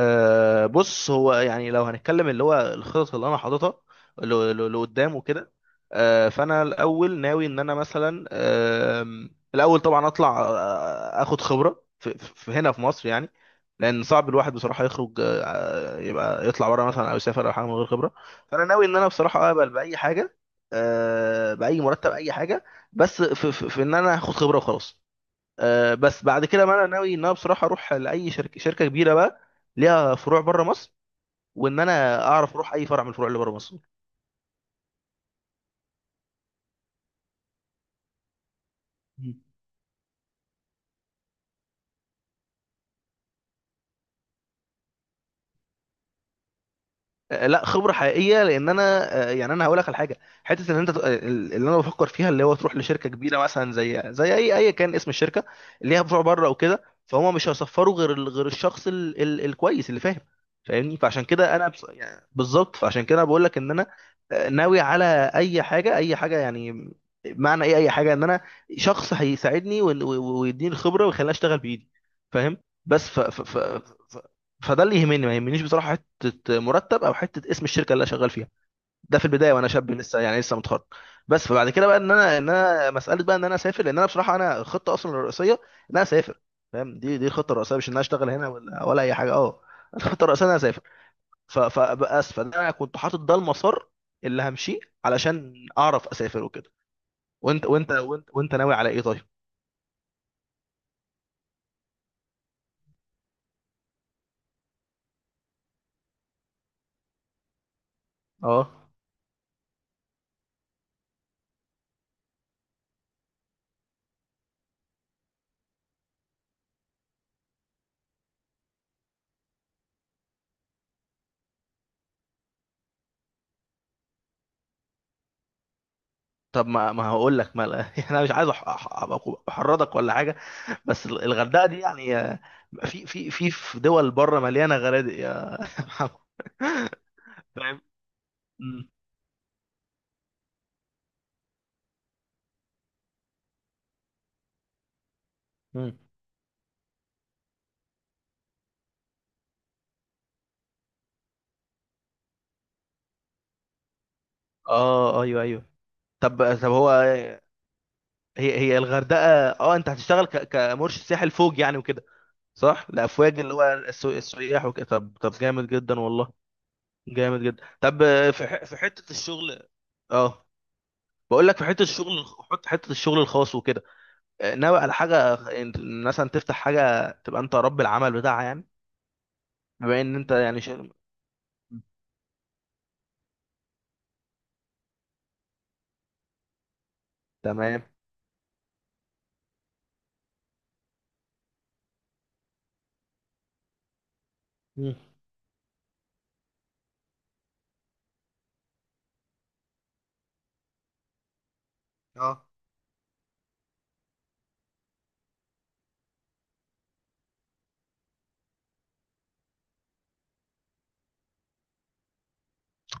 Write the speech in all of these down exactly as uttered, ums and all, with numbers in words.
أه بص، هو يعني لو هنتكلم اللي هو الخطط اللي انا حاططها ل- ل- لقدام وكده. أه فانا الاول ناوي ان انا مثلا، آم، الاول طبعا اطلع، آه، اخد خبره في في- هنا في مصر يعني، لان صعب الواحد بصراحه يخرج، آه، يبقى يطلع بره مثلا او يسافر او حاجه من غير خبره. فانا ناوي ان انا بصراحه اقبل باي حاجه، آه، باي مرتب، اي حاجه، بس في, في, في ان انا هاخد خبره وخلاص. آه، بس بعد كده بقى انا ناوي ان انا بصراحه اروح لاي شركه شركه كبيره بقى ليها فروع بره مصر، وان انا اعرف اروح اي فرع من الفروع اللي بره مصر. آه، لا، خبره حقيقيه، لان انا، آه، يعني انا هقول لك على حاجه، حته ان انت، آه، اللي انا بفكر فيها اللي هو تروح لشركه كبيره مثلا، زي زي اي اي كان اسم الشركه اللي هي بتوع بره وكده، فهم مش هيصفروا غير ال- غير الشخص ال ال الكويس اللي فاهم. فاهمني؟ فعشان كده انا بص... يعني بالظبط، فعشان كده انا بقول لك ان انا آه، ناوي على اي حاجه، اي حاجه يعني. معنى ايه اي حاجه؟ ان انا شخص هيساعدني، وإن- و- و- ويديني الخبره ويخليني اشتغل بايدي، فاهم؟ بس ف... ف... ف... ف... فده اللي يهمني، ما يهمنيش بصراحه حته مرتب او حته اسم الشركه اللي انا شغال فيها. ده في البدايه وانا شاب لسه، يعني لسه متخرج. بس فبعد كده بقى ان انا ان انا مساله بقى ان انا اسافر، لان انا بصراحه انا الخطه اصلا الرئيسيه ان انا اسافر، فاهم؟ دي دي الخطه الرئيسيه، مش ان انا اشتغل هنا ولا ولا اي حاجه. اه، الخطه الرئيسيه ان انا اسافر. ف- فبس فانا كنت حاطط ده المسار اللي همشيه علشان اعرف اسافر وكده. وانت وانت وانت, وانت ناوي على ايه طيب؟ اه، طب ما ما هقول لك، ما، يعني انا مش عايز أح- أح- أبقى احرضك ولا حاجه، بس الغردقه دي يعني، في في في في دول بره مليانه غنادق يا محمد، فاهم؟ مم. مم. اه، ايوه، ايوه. طب طب هو هي هي الغردقه، اه انت هتشتغل ك- كمرشد سياحي لفوق يعني وكده؟ صح، الافواج، اللي هو السو- السياح وكده. طب طب جامد جدا والله، جامد جدا. طب، آه، في ح- في حته الشغل، اه بقول لك في حته الشغل، حط حته الشغل الخاص وكده، آه، ناوي على حاجه خ- إن- مثلا تفتح حاجه تبقى انت رب العمل بتاعها يعني؟ بما ان انت يعني شغل. تمام. مم. اه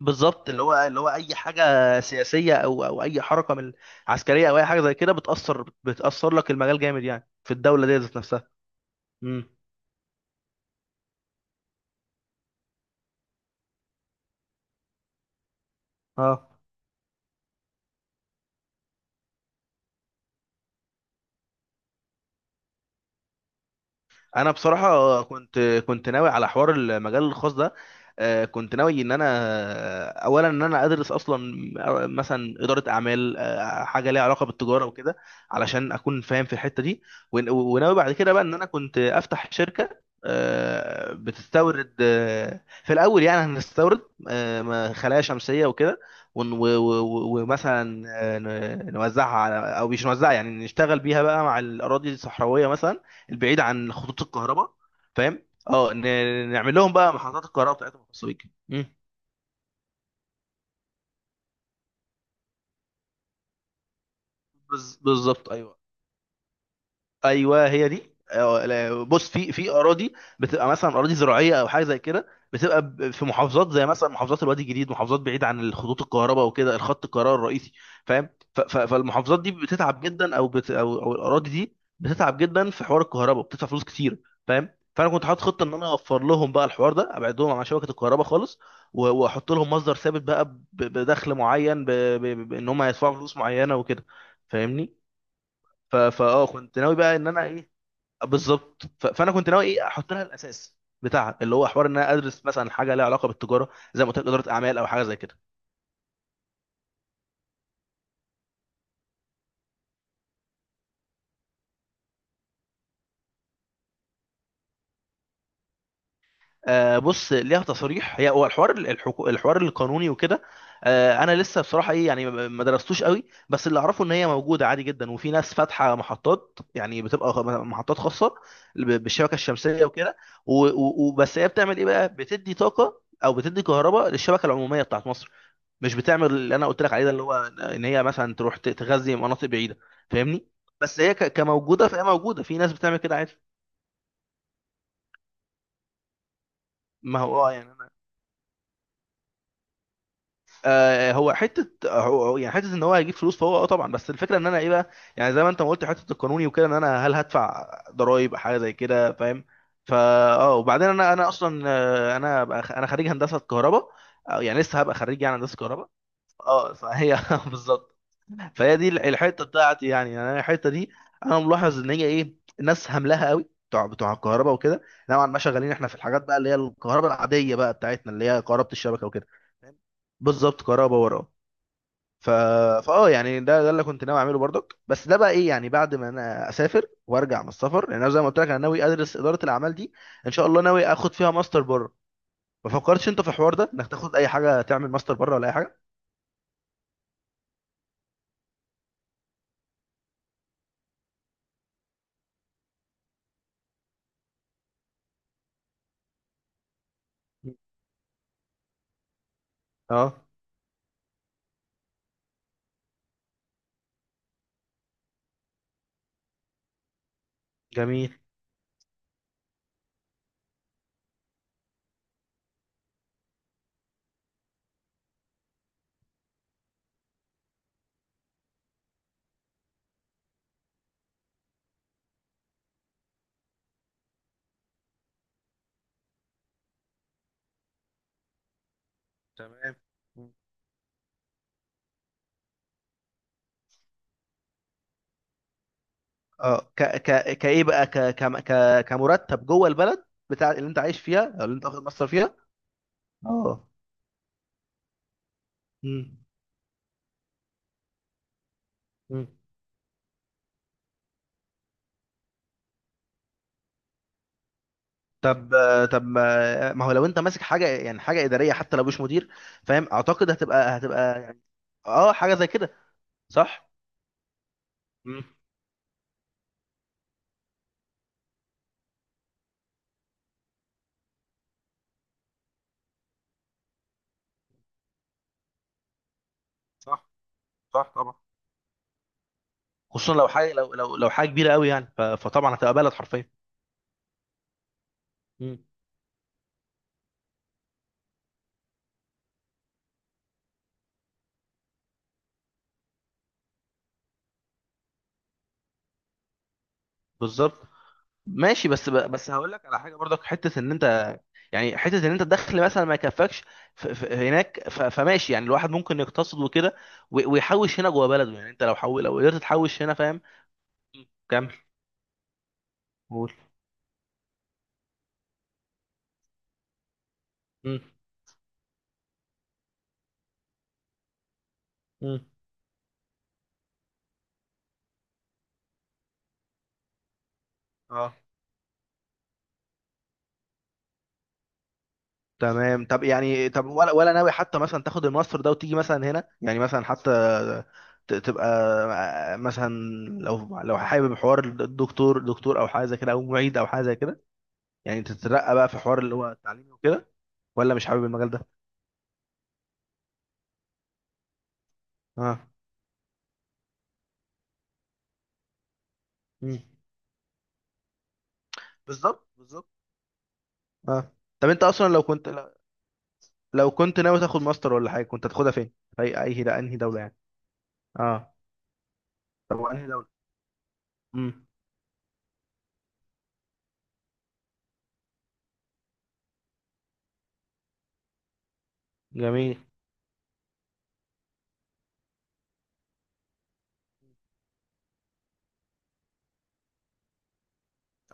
بالظبط، اللي هو اللي هو اي حاجه سياسيه او او اي حركه من عسكريه او اي حاجه زي كده، بتاثر بتاثر لك المجال جامد يعني في الدوله دي ذات نفسها. مم. اه، انا بصراحه كنت كنت ناوي على حوار المجال الخاص ده. آه، كنت ناوي ان انا، آه، اولا ان انا ادرس اصلا مثلا اداره اعمال، آه، حاجه ليها علاقه بالتجاره وكده، علشان اكون فاهم في الحته دي. ون- وناوي بعد كده بقى ان انا كنت افتح شركه، آه، بتستورد، آه، في الاول يعني هنستورد، آه، ما- خلايا شمسيه وكده. ون- و- و- و- ومثلا، آه، ن- نوزعها على، او مش نوزعها يعني نشتغل بيها بقى مع الاراضي الصحراويه مثلا، البعيد عن خطوط الكهرباء، فاهم؟ اه، ن- نعمل لهم بقى محطات الكهرباء بتاعتهم الخاصه بيك. مم. بز- بالظبط، ايوه. ايوه هي دي. آه، لا، بص، في في اراضي بتبقى مثلا اراضي زراعيه او حاجه زي كده، بتبقى ب- في محافظات زي مثلا محافظات الوادي الجديد، محافظات بعيد عن خطوط الكهرباء وكده، الخط الكهرباء الرئيسي، فاهم؟ ف- ف- فالمحافظات دي بتتعب جدا، او بت او او الاراضي دي بتتعب جدا في حوار الكهرباء، بتدفع فلوس كتير، فاهم؟ فانا كنت حاطط خطه ان انا اوفر لهم بقى الحوار ده، ابعدهم عن شبكه الكهرباء خالص، و- واحط لهم مصدر ثابت بقى، ب- بدخل معين، ب- ب- بان هم هيدفعوا فلوس معينه وكده، فاهمني؟ ف- فاه كنت ناوي بقى ان انا ايه، بالظبط. ف- فانا كنت ناوي ايه احط لها الاساس بتاعها، اللي هو حوار ان انا ادرس مثلا حاجه لها علاقه بالتجاره، زي ما قلت لك، اداره اعمال او حاجه زي كده. آه، بص ليها تصريح، هي هو الحوار الحقو- الحوار القانوني وكده. آه، انا لسه بصراحه ايه يعني، ما ما درستوش قوي، بس اللي اعرفه ان هي موجوده عادي جدا، وفي ناس فاتحه محطات يعني، بتبقى خ- محطات خاصه ب- بالشبكه الشمسيه وكده. و- و- وبس هي بتعمل ايه بقى، بتدي طاقه او بتدي كهرباء للشبكه العموميه بتاعت مصر، مش بتعمل اللي انا قلت لك عليه ده، اللي هو ان هي مثلا تروح ت- تغذي مناطق بعيده، فاهمني؟ بس هي ك- كموجوده، فهي موجوده، في ناس بتعمل كده عادي. ما هو اه، يعني انا، آه هو حته، آه، هو هو يعني حته ان هو هيجيب فلوس، فهو اه طبعا، بس الفكره ان انا ايه بقى، يعني زي ما انت ما قلت، حته القانوني وكده، ان انا هل هدفع ضرائب حاجه زي كده، فاهم؟ فا اه، وبعدين انا انا اصلا، آه، انا بقى- انا خريج هندسه كهرباء، آه، يعني لسه هبقى خريج يعني هندسه كهرباء. اه فهي بالظبط، فهي دي الحته بتاعتي يعني يعني انا الحته دي، انا ملاحظ ان هي ايه، الناس هملها قوي بتوع بتوع الكهرباء وكده، نوعا ما شغالين احنا في الحاجات بقى اللي هي الكهرباء العاديه بقى بتاعتنا اللي هي كهرباء الشبكه وكده، فاهم؟ بالظبط، كهرباء وراه. ف... فاه يعني ده ده اللي كنت ناوي اعمله برضك، بس ده بقى ايه، يعني بعد ما انا اسافر وارجع من السفر، لان انا زي ما قلت لك انا ناوي ادرس اداره الاعمال دي، ان شاء الله ناوي اخد فيها ماستر بره. ما فكرتش انت في الحوار ده، انك تاخد اي حاجه تعمل ماستر بره ولا اي حاجه؟ اه. جميل. تمام. اه، ك ك كايه بقى، ك ك ك- كمرتب جوه البلد بتاع اللي انت عايش فيها، او اللي انت واخد مصر فيها. اه. مم. مم. طب طب ما ما هو لو انت ماسك حاجه يعني، حاجه اداريه، حتى لو مش مدير، فاهم، اعتقد هتبقى هتبقى يعني، اه، حاجه زي كده، صح. مم. صح، صح طبعا. خصوصا لو حاجه، لو لو لو حاجه كبيره قوي يعني، ف- فطبعا هتبقى بلد حرفيا. مم. بالظبط. ماشي، بس ب... بس هقول لك على حاجه برضك، حته ان انت يعني، حته ان انت الدخل مثلا ما يكفكش ف... ف... هناك، ف... فماشي يعني، الواحد ممكن يقتصد وكده، و... ويحوش هنا جوه بلده، يعني انت لو حو... لو قدرت تحوش هنا، فاهم؟ كمل. قول. مم. مم. اه. تمام. طب يعني، طب ولا ولا ناوي حتى مثلا تاخد الماستر ده وتيجي مثلا هنا، يعني مثلا حتى ت- تبقى مثلا، لو لو حابب حوار الدكتور دكتور او حاجه زي كده، او معيد او حاجه زي كده، يعني تترقى بقى في حوار اللي هو التعليمي وكده، ولا مش حابب المجال ده؟ اه. مم. بالظبط، بالظبط. اه. طب انت اصلا لو كنت، لو كنت ناوي تاخد ماستر ولا حاجه، كنت هتاخدها فين، في اي اي ده انهي دوله يعني؟ اه. طب وانهي دوله؟ امم. جميل.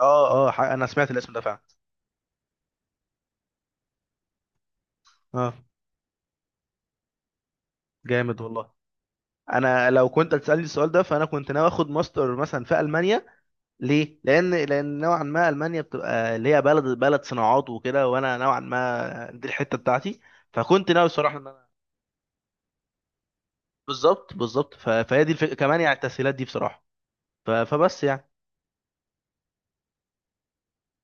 اه، اه، ح- انا سمعت الاسم ده فعلا. اه، جامد والله. انا لو كنت هتسالني السؤال ده، فانا كنت ناوي اخد ماستر مثلا في المانيا، ليه؟ لان لان نوعا ما المانيا بتبقى اللي هي بلد بلد صناعات وكده، وانا نوعا ما دي الحته بتاعتي. فكنت ناوي الصراحه ان انا، بالظبط، بالظبط، ف- فهي دي الفكره كمان يعني، التسهيلات دي بصراحه. ف- فبس يعني